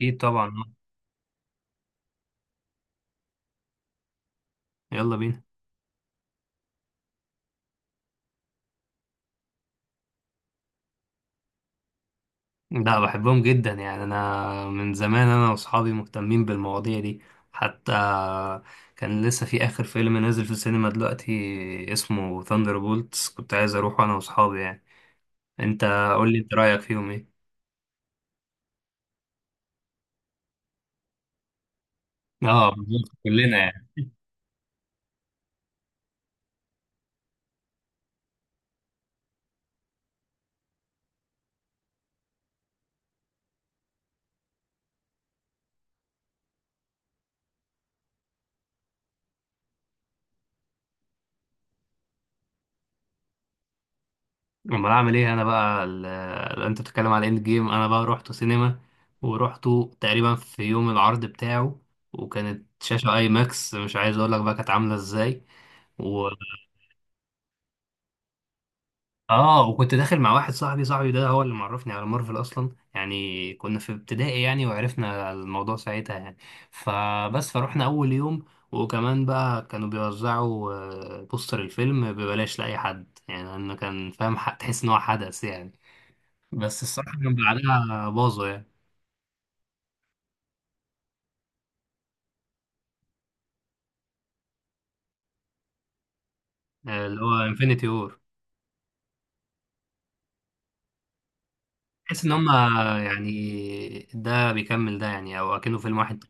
اكيد طبعا. يلا بينا. لا، بحبهم جدا. يعني انا من زمان، انا واصحابي مهتمين بالمواضيع دي. حتى كان لسه في اخر فيلم نازل في السينما دلوقتي اسمه ثاندر بولتس، كنت عايز اروحه انا واصحابي يعني. انت قول لي، انت رايك فيهم ايه؟ اه، بالظبط، كلنا يعني. امال اعمل ايه انا بقى انت بتتكلم على اند جيم، انا بقى رحت سينما ورحته تقريبا في يوم العرض بتاعه، وكانت شاشة اي ماكس مش عايز اقول لك بقى كانت عاملة ازاي. اه، وكنت داخل مع واحد صاحبي، ده هو اللي معرفني على مارفل اصلا يعني. كنا في ابتدائي يعني وعرفنا الموضوع ساعتها يعني. فبس فروحنا اول يوم. وكمان بقى كانوا بيوزعوا بوستر الفيلم ببلاش لاي حد، يعني انه كان فاهم. تحس ان هو حدث يعني. بس الصراحه كان بعدها باظوا يعني. اللي هو انفينيتي وور. تحس ان هما يعني ده بيكمل ده، يعني او اكنه فيلم واحد.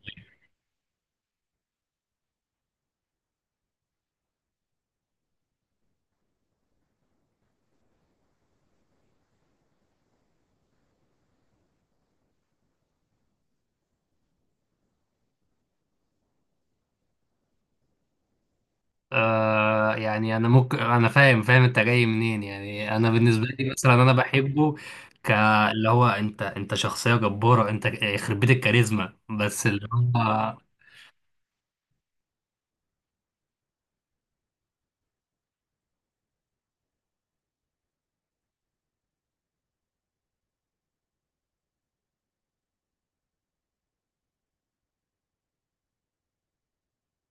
يعني انا ممكن، انا فاهم انت جاي منين. يعني انا بالنسبه لي، مثلا انا بحبه. ك اللي هو انت شخصيه جباره. انت، يخرب بيت الكاريزما، بس اللي هو...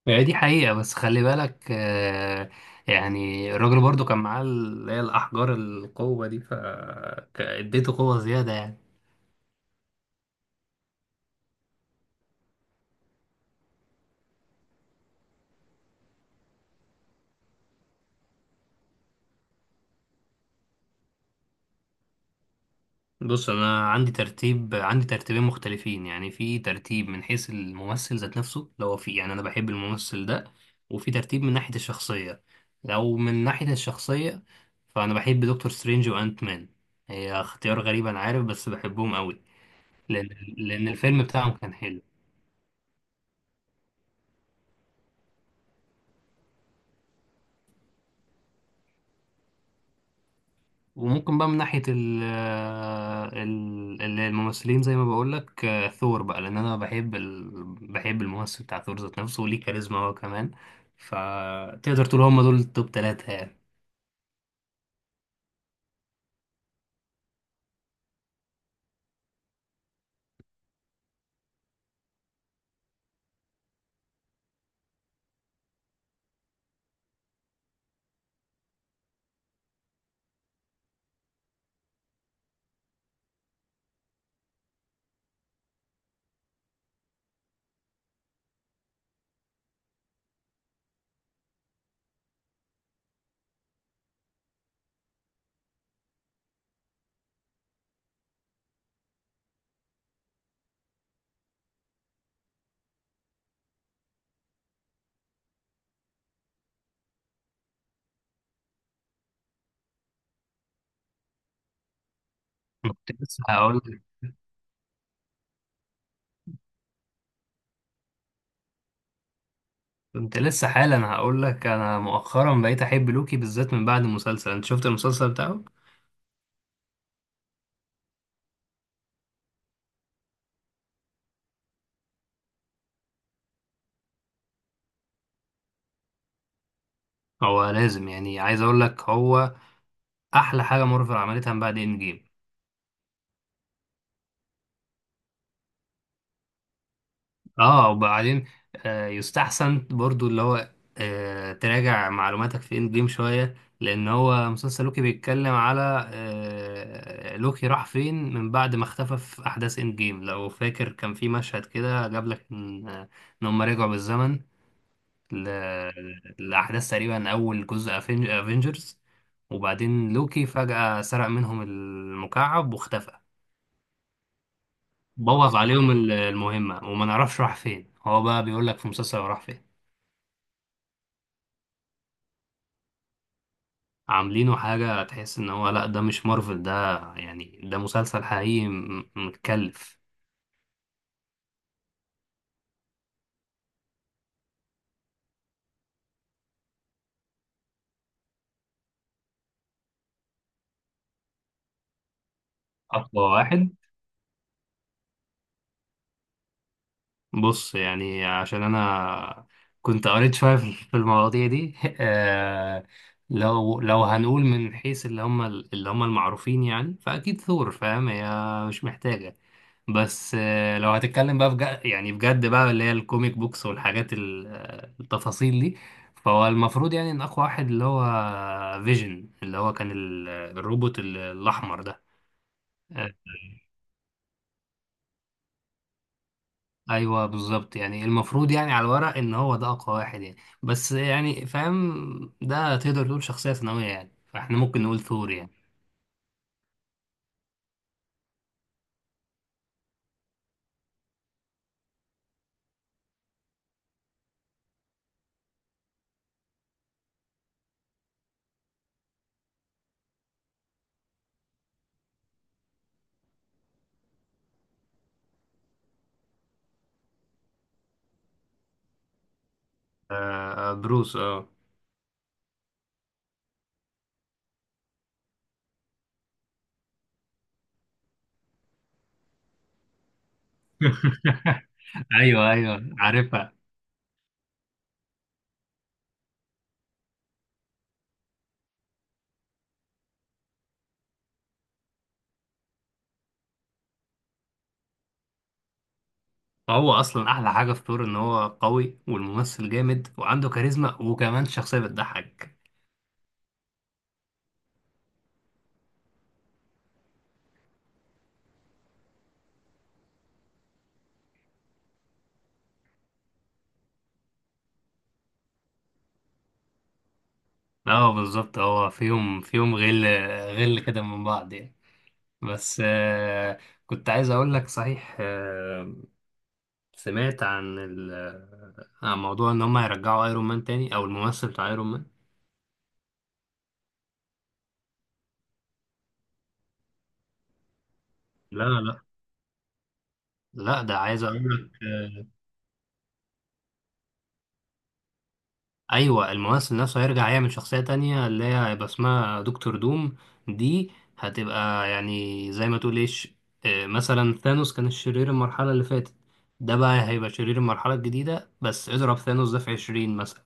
هي دي حقيقه، بس خلي بالك. يعني الراجل برضو كان معاه اللي هي الاحجار القوه دي، فاديته قوه زياده يعني. بص، انا عندي ترتيبين مختلفين يعني. في ترتيب من حيث الممثل ذات نفسه، لو هو في، يعني انا بحب الممثل ده. وفي ترتيب من ناحية الشخصية. لو من ناحية الشخصية، فانا بحب دكتور سترينج وانت مان. هي اختيار غريب انا عارف، بس بحبهم قوي. لان لان الفيلم بتاعهم كان حلو. وممكن بقى من ناحية ال آه، ال- ال- الممثلين، زي ما بقولك، ثور بقى. لأن أنا بحب بحب الممثل بتاع ثور ذات نفسه، وليه كاريزما هو كمان. فتقدر تقول هما دول التوب 3 يعني. كنت لسه هقول، كنت لسه حالا هقولك، أنا مؤخرا بقيت أحب لوكي بالذات من بعد المسلسل. أنت شفت المسلسل بتاعه؟ هو لازم، يعني عايز أقولك هو أحلى حاجة مارفل عملتها من بعد إند جيم. اه، وبعدين يستحسن برضو اللي هو تراجع معلوماتك في اند جيم شوية. لأن هو مسلسل لوكي بيتكلم على لوكي راح فين من بعد ما اختفى في أحداث اند جيم. لو فاكر، كان في مشهد كده جاب لك إن، إن هم رجعوا بالزمن ل- لأحداث تقريبا أول جزء افنجرز، وبعدين لوكي فجأة سرق منهم المكعب واختفى. بوظ عليهم المهمة، وما نعرفش راح فين. هو بقى بيقول لك في مسلسل هو راح فين. عاملينه حاجة تحس ان هو لا، ده مش مارفل ده، يعني ده مسلسل حقيقي متكلف. اقوى واحد؟ بص يعني، عشان انا كنت قريت شوية في المواضيع دي آه، لو هنقول من حيث اللي هم المعروفين يعني، فاكيد ثور، فاهم، هي مش محتاجة. بس، لو هتتكلم بقى بجد، يعني بجد بقى، اللي هي الكوميك بوكس والحاجات التفاصيل دي. فهو المفروض يعني ان اقوى واحد اللي هو فيجن، اللي هو كان الروبوت الاحمر ده. آه، ايوه بالظبط. يعني المفروض يعني على الورق ان هو ده اقوى واحد يعني. بس يعني فاهم، ده تقدر تقول شخصية ثانوية يعني، فاحنا ممكن نقول ثور يعني. بروس، اه. ايوه، ايوه، عارفها. هو اصلا احلى حاجه في ثور ان هو قوي والممثل جامد وعنده كاريزما، وكمان شخصيه بتضحك. اه بالظبط. هو فيهم غل، غل كده من بعض يعني. بس، كنت عايز اقول لك صحيح، سمعت عن عن موضوع ان هم هيرجعوا ايرون مان تاني، او الممثل بتاع ايرون مان. لا، لا، لا، ده عايز اقول لك. ايوه، الممثل نفسه هيرجع يعمل شخصية تانية اللي هي هيبقى اسمها دكتور دوم. دي هتبقى يعني زي ما تقول ايش، مثلا ثانوس كان الشرير المرحلة اللي فاتت، ده بقى هيبقى شرير المرحلة الجديدة، بس اضرب ثانوس ده في 20 مثلا.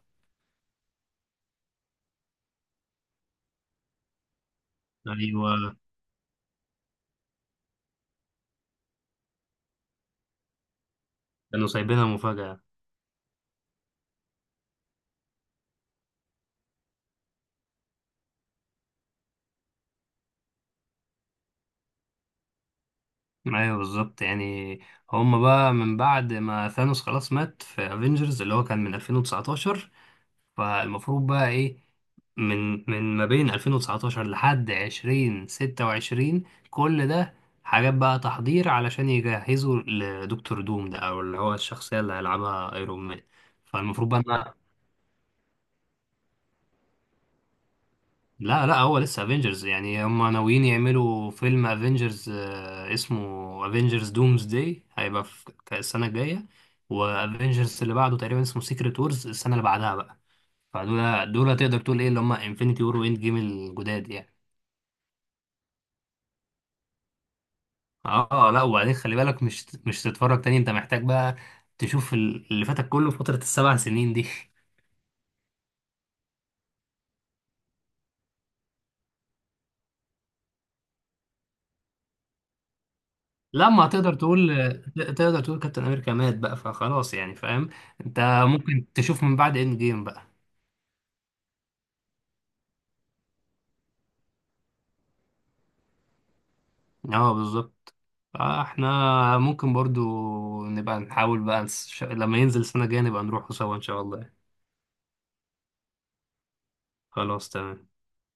ايوه، كانوا سايبينها مفاجأة. ايوه بالظبط يعني. هما بقى من بعد ما ثانوس خلاص مات في افنجرز اللي هو كان من 2019، فالمفروض بقى ايه، من ما بين 2019 لحد 2026 كل ده حاجات بقى تحضير علشان يجهزوا لدكتور دوم ده، او اللي هو الشخصية اللي هيلعبها ايرون مان. فالمفروض بقى لا لا، هو لسه افنجرز. يعني هم ناويين يعملوا فيلم افنجرز اسمه افنجرز دومز داي، هيبقى في السنة الجاية. وافنجرز اللي بعده تقريبا اسمه سيكريت وورز، السنة اللي بعدها بقى. فدول تقدر تقول ايه اللي هم انفينيتي وور واند جيم الجداد يعني. اه، لا، وبعدين خلي بالك، مش تتفرج تاني، انت محتاج بقى تشوف اللي فاتك كله في فترة الـ7 سنين دي. لما هتقدر تقول، تقدر تقول كابتن امريكا مات بقى فخلاص يعني فاهم انت. ممكن تشوف من بعد اند جيم بقى. اه بالظبط. فاحنا ممكن برضو نبقى نحاول بقى لما ينزل السنة الجاية نبقى نروحوا سوا ان شاء الله يعني. خلاص تمام.